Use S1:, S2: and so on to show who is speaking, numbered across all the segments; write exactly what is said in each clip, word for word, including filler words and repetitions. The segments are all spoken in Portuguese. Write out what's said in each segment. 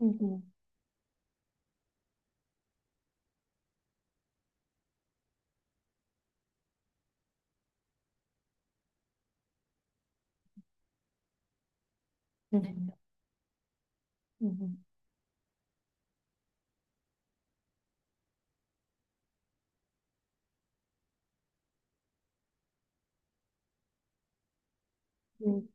S1: Uhum, uhum, uhum. Uhum.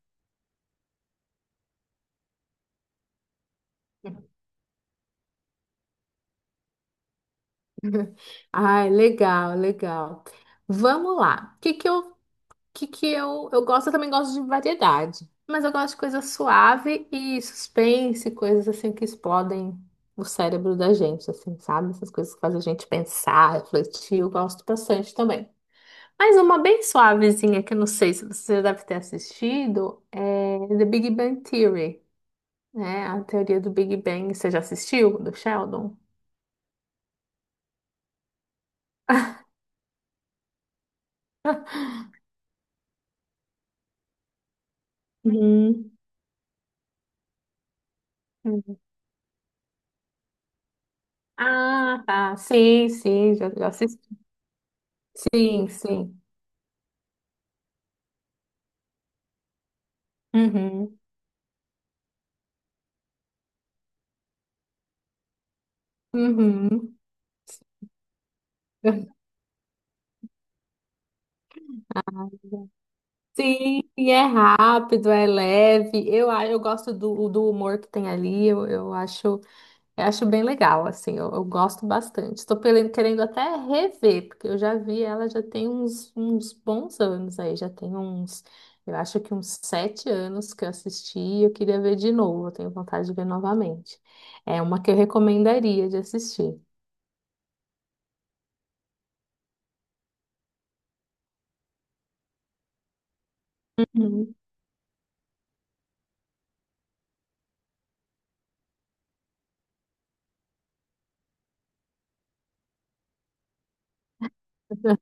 S1: Ai, legal, legal. Vamos lá. O que que eu, que que eu, eu gosto, eu também gosto de variedade, mas eu gosto de coisa suave e suspense, coisas assim que explodem o cérebro da gente, assim, sabe? Essas coisas que fazem a gente pensar, refletir, eu gosto bastante também. Mas uma bem suavezinha que eu não sei se você já deve ter assistido é The Big Bang Theory, né? A teoria do Big Bang. Você já assistiu, do Sheldon? Uhum. Uhum. Ah, tá. Sim, sim, já, já assisti. Sim, sim. Uhum. Uhum. Sim, e é rápido, é leve. Eu, a- eu gosto do, do humor que tem ali. Eu, eu acho. Eu acho bem legal, assim, eu, eu gosto bastante. Estou pele- querendo até rever, porque eu já vi ela já tem uns, uns bons anos aí, já tem uns, eu acho que uns sete anos que eu assisti e eu queria ver de novo, eu tenho vontade de ver novamente. É uma que eu recomendaria de assistir. Uhum.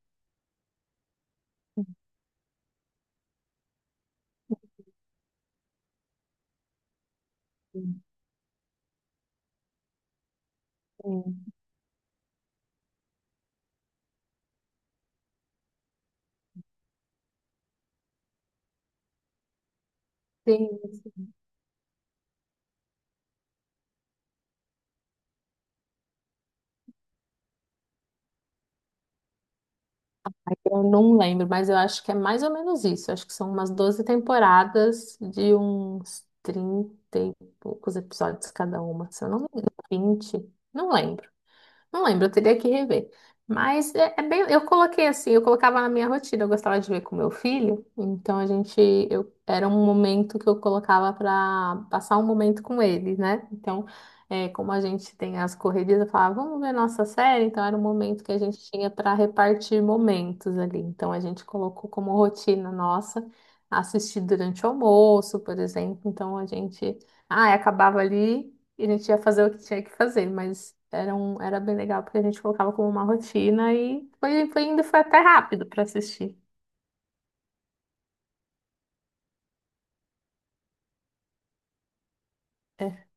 S1: Sim. Tem. Eu não lembro, mas eu acho que é mais ou menos isso. Eu acho que são umas doze temporadas de uns trinta e poucos episódios cada uma. Se eu não me engano, vinte, não lembro. Não lembro, eu teria que rever. Mas é, é bem, eu coloquei assim, eu colocava na minha rotina, eu gostava de ver com meu filho, então a gente, eu, era um momento que eu colocava para passar um momento com ele, né? Então, é, como a gente tem as correrias, eu falava, vamos ver nossa série, então era um momento que a gente tinha para repartir momentos ali. Então a gente colocou como rotina nossa assistir durante o almoço, por exemplo. Então a gente, ah, acabava ali. E a gente ia fazer o que tinha que fazer, mas era, um, era bem legal, porque a gente colocava como uma rotina e foi, foi indo, foi até rápido para assistir. É.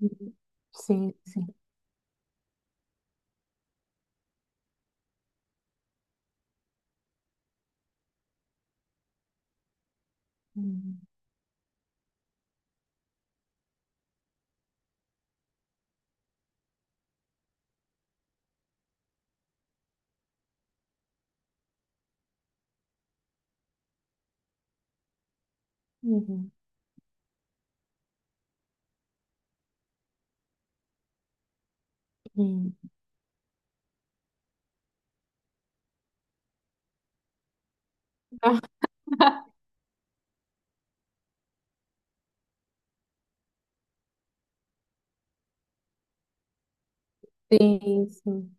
S1: Uhum. Sim, sim. Uhum. Uhum. Uhum. Ah, sim, sim.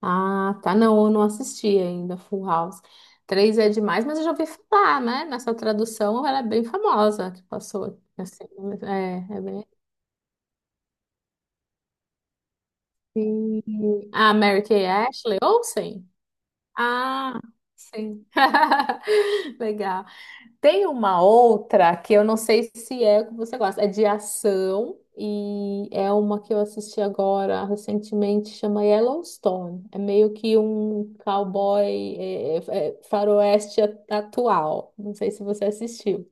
S1: Ah, tá. Não, eu não assisti ainda Full House. Três é demais, mas eu já ouvi falar, né? Nessa tradução ela é bem famosa que passou. Assim, é, é bem. Sim. Ah, Mary Kay Ashley Olsen? Ah, sim. Legal. Tem uma outra que eu não sei se é o que você gosta. É de ação e é uma que eu assisti agora recentemente, chama Yellowstone. É meio que um cowboy é, é, é, faroeste atual. Não sei se você assistiu.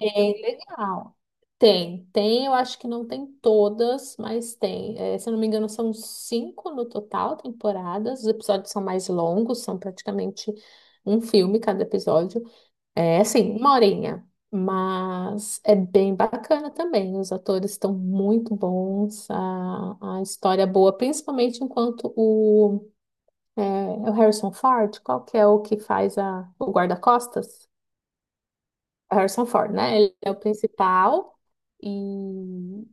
S1: É legal. Tem, tem, eu acho que não tem todas, mas tem. É, se eu não me engano, são cinco no total temporadas. Os episódios são mais longos, são praticamente um filme cada episódio. É assim, uma horinha. Mas é bem bacana também. Os atores estão muito bons, a, a história é boa, principalmente enquanto o, é, é o Harrison Ford, qual que é o que faz a, o guarda-costas? Harrison Ford, né? Ele é o principal e,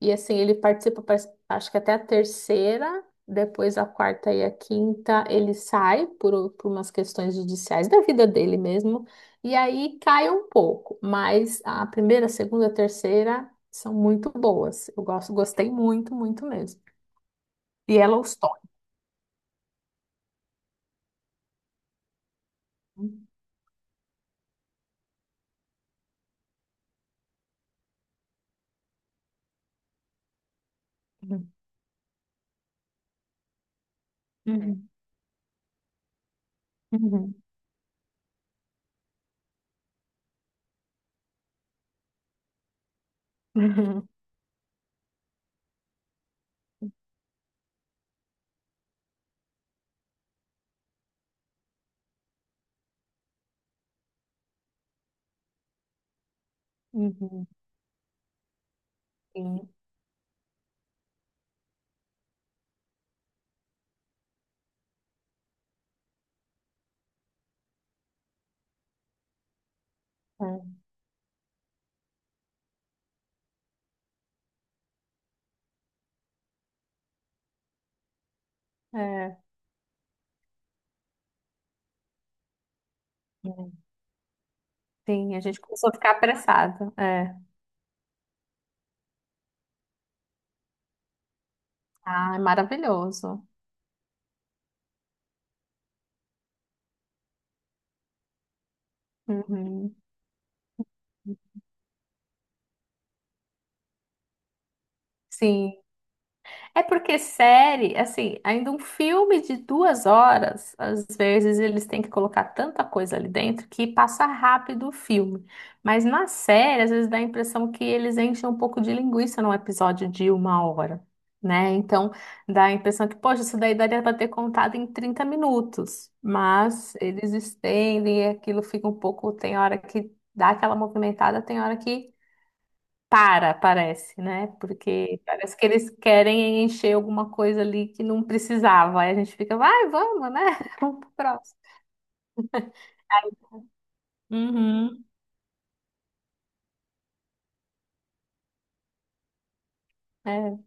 S1: e assim, ele participa, parece- acho que até a terceira, depois a quarta e a quinta, ele sai por, por umas questões judiciais da vida dele mesmo, e aí cai um pouco, mas a primeira, a segunda, a terceira são muito boas. Eu gosto, gostei muito, muito mesmo. E Yellowstone. Uhum. Uhum. Uhum. Uhum. Uhum. Sim. É. É. Sim, a gente começou a ficar apressado. É. Ah, é maravilhoso. Uhum. Sim, é porque série, assim, ainda um filme de duas horas, às vezes eles têm que colocar tanta coisa ali dentro que passa rápido o filme. Mas na série, às vezes dá a impressão que eles enchem um pouco de linguiça num episódio de uma hora, né? Então dá a impressão que, poxa, isso daí daria para ter contado em trinta minutos. Mas eles estendem e aquilo fica um pouco. Tem hora que dá aquela movimentada, tem hora que para, parece, né? Porque parece que eles querem encher alguma coisa ali que não precisava. Aí a gente fica, vai, vamos, né? Vamos pro próximo. Uhum. É,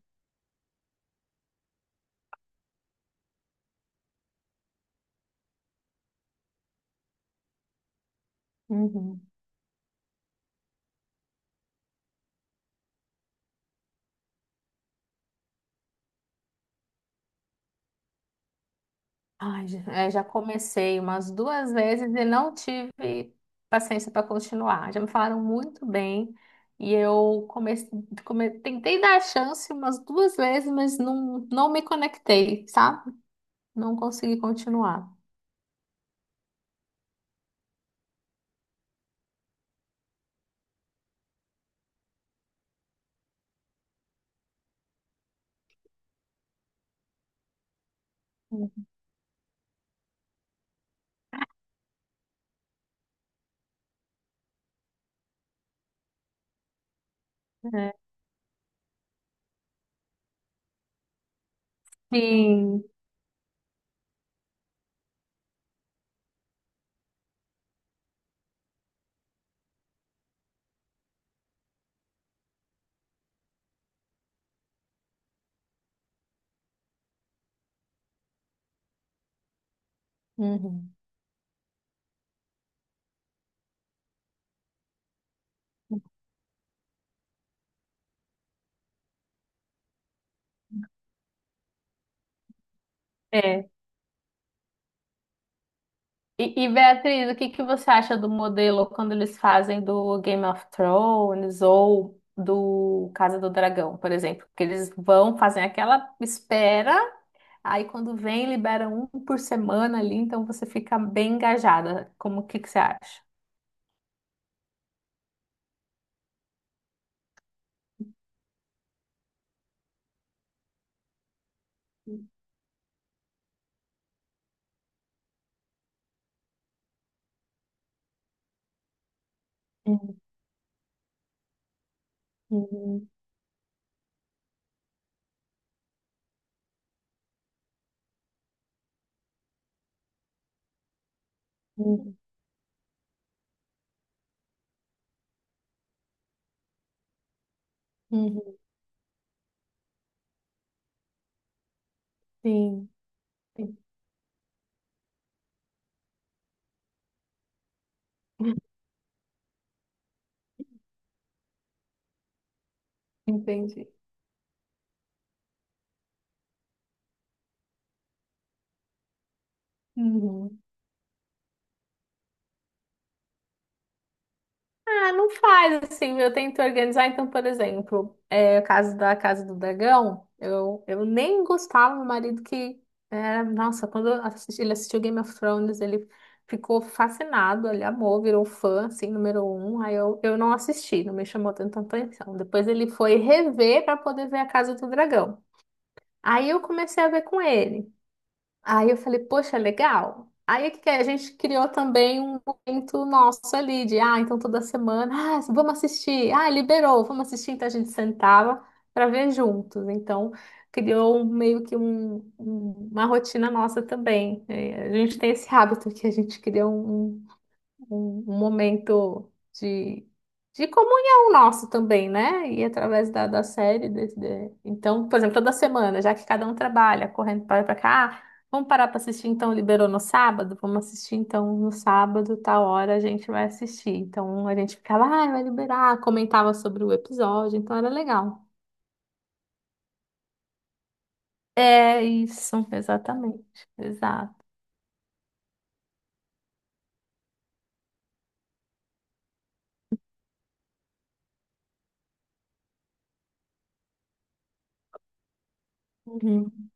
S1: uhum. Ai, já é, já comecei umas duas vezes e não tive paciência para continuar. Já me falaram muito bem e eu comecei, come- tentei dar a chance umas duas vezes, mas não, não me conectei, sabe? Não consegui continuar. Uhum. É. Sim. Uhum. É. E, e, Beatriz, o que que você acha do modelo quando eles fazem do Game of Thrones ou do Casa do Dragão, por exemplo? Que eles vão fazer aquela espera, aí quando vem, liberam um por semana ali, então você fica bem engajada. Como o que que você acha? Uhum, uhum, uhum, uhum. Sim, sim. Entendi. Uhum. Ah, não faz assim, eu tento organizar. Então, por exemplo, é, o caso da Casa do Dragão, eu, eu nem gostava, meu marido que era, nossa, quando eu assisti- ele assistiu Game of Thrones, ele ficou fascinado, ele amou, virou fã, assim, número um. Aí eu, eu não assisti, não me chamou tanta atenção. Depois ele foi rever para poder ver a Casa do Dragão. Aí eu comecei a ver com ele. Aí eu falei, poxa, legal. Aí o que que é? A gente criou também um momento nosso ali de, ah, então toda semana, ah, vamos assistir, ah, liberou, vamos assistir, então a gente sentava para ver juntos. Então criou um- meio que um- um- uma rotina nossa também. É. A gente tem esse hábito que a gente cria um um um momento de, de comunhão nosso também, né? E através da, da série. desse- de- Então, por exemplo, toda semana, já que cada um trabalha, correndo para lá e para cá, ah, vamos parar para assistir então, liberou no sábado? Vamos assistir então no sábado, tal hora a gente vai assistir. Então a gente ficava, ah, vai liberar, comentava sobre o episódio, então era legal. É isso, exatamente, exato. Uhum.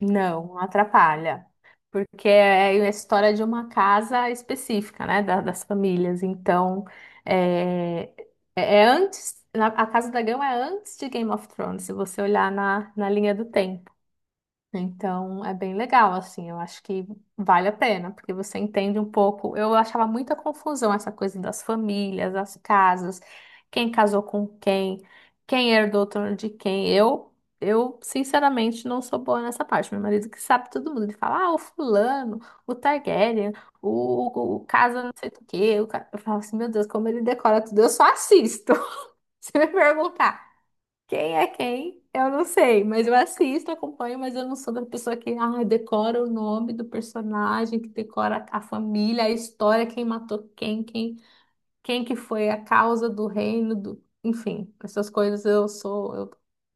S1: Não, não atrapalha. Porque é a história de uma casa específica, né? Da- das famílias. Então, é, é é antes. Na- a Casa da Dragão é antes de Game of Thrones, se você olhar na, na linha do, então é bem legal, assim, eu acho que vale a pena, porque você entende um pouco. Eu achava muita confusão essa coisa das famílias, das casas, quem casou com quem, quem herdou o trono de quem. Eu, eu sinceramente não sou boa nessa parte. Meu marido que sabe todo mundo, ele fala, ah, o fulano, o Targaryen, o, o, o casa não sei do quê. O ca-". Eu falo assim, meu Deus, como ele decora tudo, eu só assisto. Se me perguntar. Quem é quem? Eu não sei, mas eu assisto, acompanho, mas eu não sou da pessoa que ah, decora o nome do personagem, que decora a família, a história, quem matou quem, quem, quem que foi a causa do reino, do... enfim, essas coisas eu sou, eu,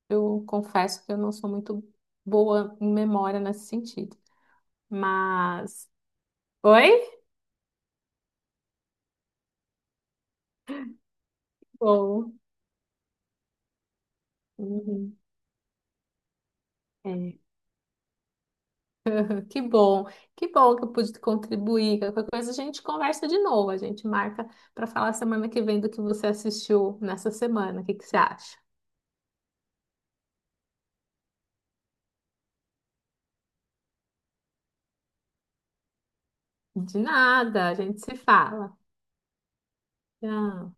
S1: eu confesso que eu não sou muito boa em memória nesse sentido. Mas, oi? Bom. Uhum. É. Que bom, que bom que eu pude contribuir. Qualquer coisa a gente conversa de novo, a gente marca para falar semana que vem do que você assistiu nessa semana. O que que você acha? De nada, a gente se fala. Tchau.